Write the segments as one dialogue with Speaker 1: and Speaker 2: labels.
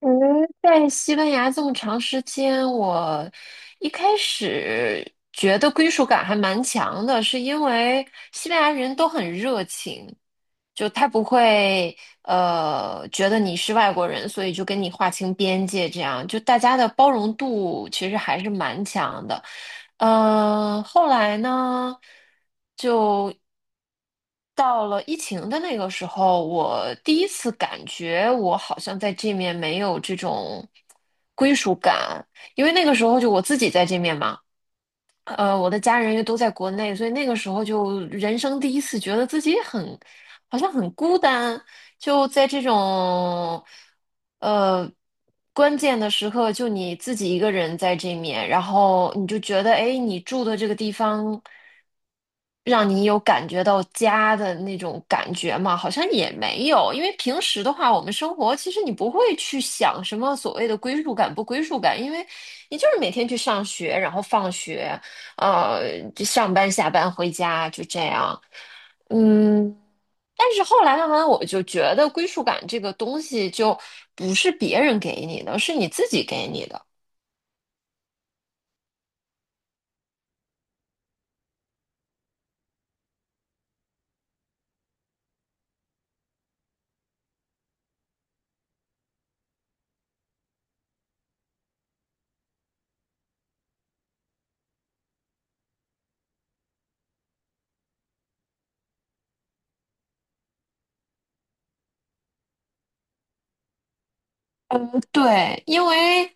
Speaker 1: 嗯，在西班牙这么长时间，我一开始觉得归属感还蛮强的，是因为西班牙人都很热情，就他不会觉得你是外国人，所以就跟你划清边界，这样就大家的包容度其实还是蛮强的。嗯，后来呢，就到了疫情的那个时候，我第一次感觉我好像在这面没有这种归属感，因为那个时候就我自己在这面嘛。我的家人又都在国内，所以那个时候就人生第一次觉得自己很，好像很孤单，就在这种，呃，关键的时刻，就你自己一个人在这面，然后你就觉得，哎，你住的这个地方，让你有感觉到家的那种感觉吗？好像也没有，因为平时的话，我们生活其实你不会去想什么所谓的归属感不归属感，因为你就是每天去上学，然后放学。就上班、下班、回家，就这样。嗯，但是后来慢慢我就觉得归属感这个东西就不是别人给你的，是你自己给你的。对，因为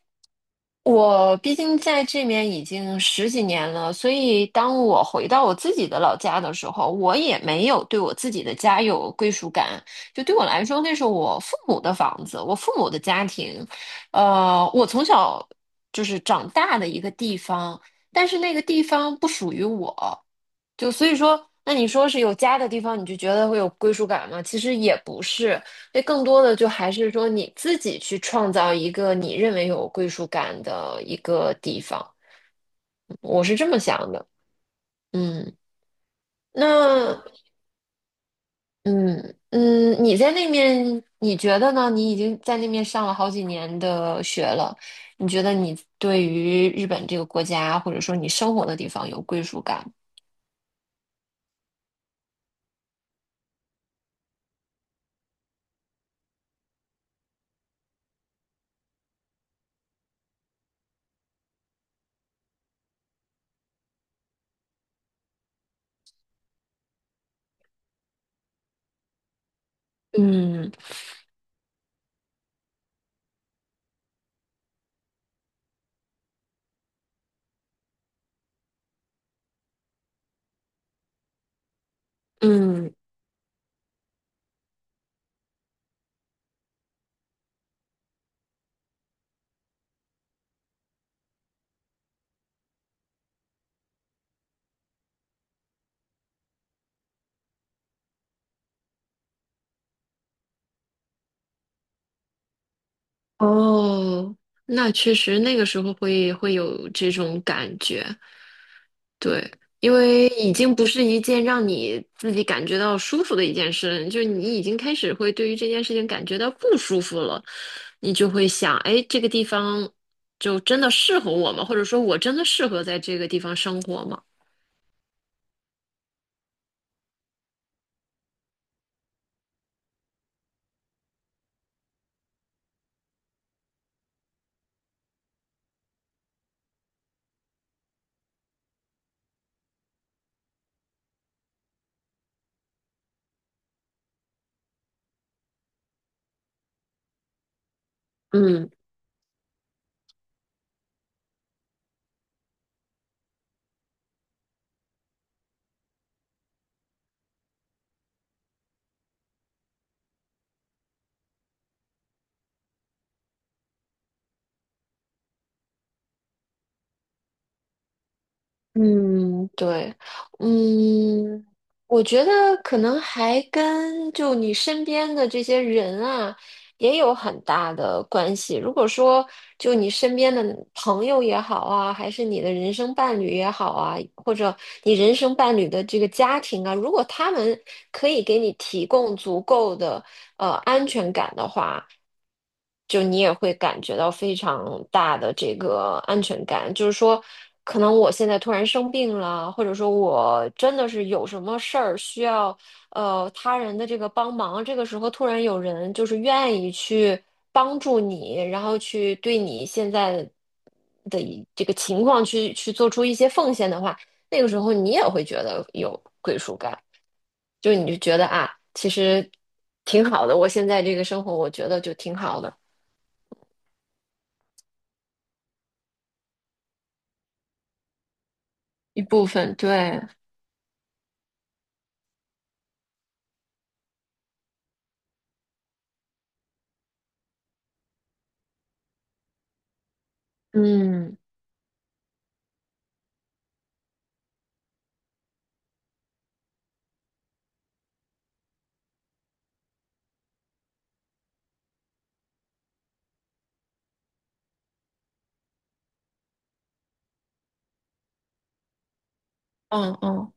Speaker 1: 我毕竟在这边已经十几年了，所以当我回到我自己的老家的时候，我也没有对我自己的家有归属感。就对我来说，那是我父母的房子，我父母的家庭，我从小就是长大的一个地方，但是那个地方不属于我，就所以说，那你说是有家的地方，你就觉得会有归属感吗？其实也不是，那更多的就还是说你自己去创造一个你认为有归属感的一个地方。我是这么想的，嗯，那嗯嗯，你在那面，你觉得呢？你已经在那面上了好几年的学了，你觉得你对于日本这个国家，或者说你生活的地方有归属感吗？嗯嗯。哦，那确实那个时候会有这种感觉，对，因为已经不是一件让你自己感觉到舒服的一件事，就是你已经开始会对于这件事情感觉到不舒服了，你就会想，哎，这个地方就真的适合我吗？或者说我真的适合在这个地方生活吗？嗯。嗯，对，嗯，我觉得可能还跟就你身边的这些人啊，也有很大的关系。如果说就你身边的朋友也好啊，还是你的人生伴侣也好啊，或者你人生伴侣的这个家庭啊，如果他们可以给你提供足够的安全感的话，就你也会感觉到非常大的这个安全感，就是说，可能我现在突然生病了，或者说我真的是有什么事儿需要他人的这个帮忙，这个时候突然有人就是愿意去帮助你，然后去对你现在的一这个情况去做出一些奉献的话，那个时候你也会觉得有归属感。就是你就觉得啊，其实挺好的，我现在这个生活，我觉得就挺好的。一部分，对，嗯嗯嗯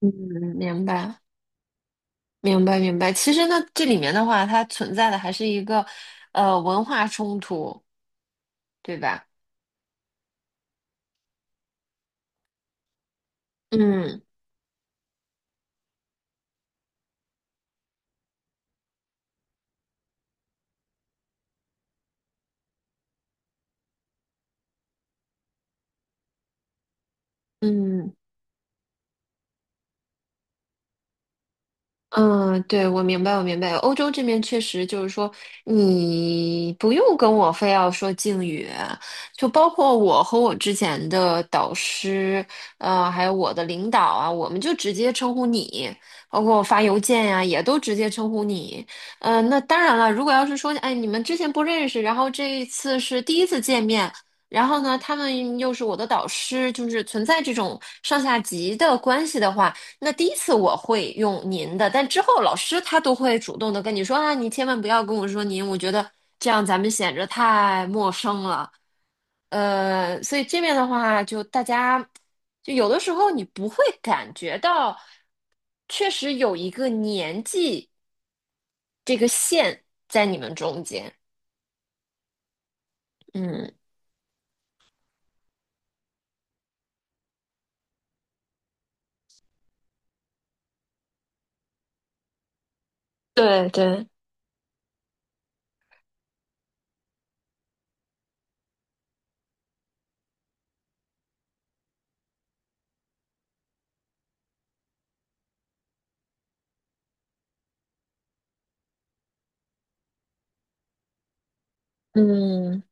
Speaker 1: 嗯，明白明白明白。其实呢，这里面的话，它存在的还是一个文化冲突，对吧？嗯嗯。嗯，对，我明白，我明白。欧洲这边确实就是说，你不用跟我非要说敬语，就包括我和我之前的导师，还有我的领导啊，我们就直接称呼你，包括我发邮件呀、也都直接称呼你。嗯，那当然了，如果要是说，哎，你们之前不认识，然后这一次是第一次见面。然后呢，他们又是我的导师，就是存在这种上下级的关系的话，那第一次我会用您的，但之后老师他都会主动的跟你说啊，你千万不要跟我说您，我觉得这样咱们显着太陌生了。所以这边的话，就大家就有的时候你不会感觉到，确实有一个年纪这个线在你们中间。嗯，对对，嗯。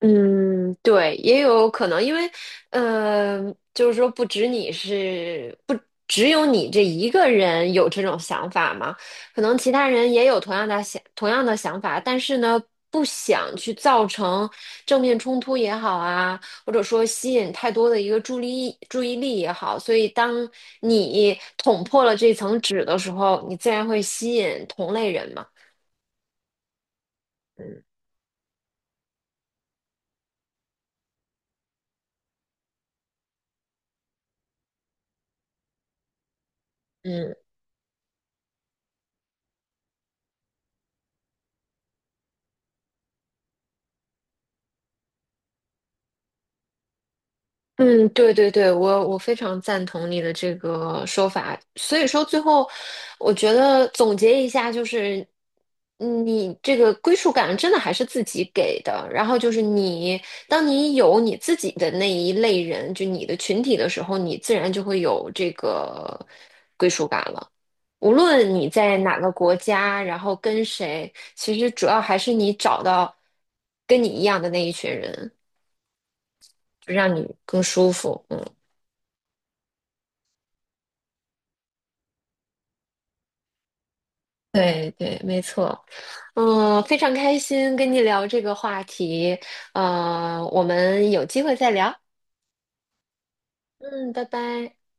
Speaker 1: 嗯，对，也有可能，因为，呃，就是说，不止你是不只有你这一个人有这种想法嘛，可能其他人也有同样的想法，但是呢，不想去造成正面冲突也好啊，或者说吸引太多的一个注意力也好，所以当你捅破了这层纸的时候，你自然会吸引同类人嘛，嗯嗯嗯，对对对，我非常赞同你的这个说法。所以说，最后我觉得总结一下，就是你这个归属感真的还是自己给的。然后就是你，当你有你自己的那一类人，就你的群体的时候，你自然就会有这个归属感了。无论你在哪个国家，然后跟谁，其实主要还是你找到跟你一样的那一群人，就让你更舒服。嗯。对对，没错，嗯，非常开心跟你聊这个话题，我们有机会再聊，嗯，拜拜。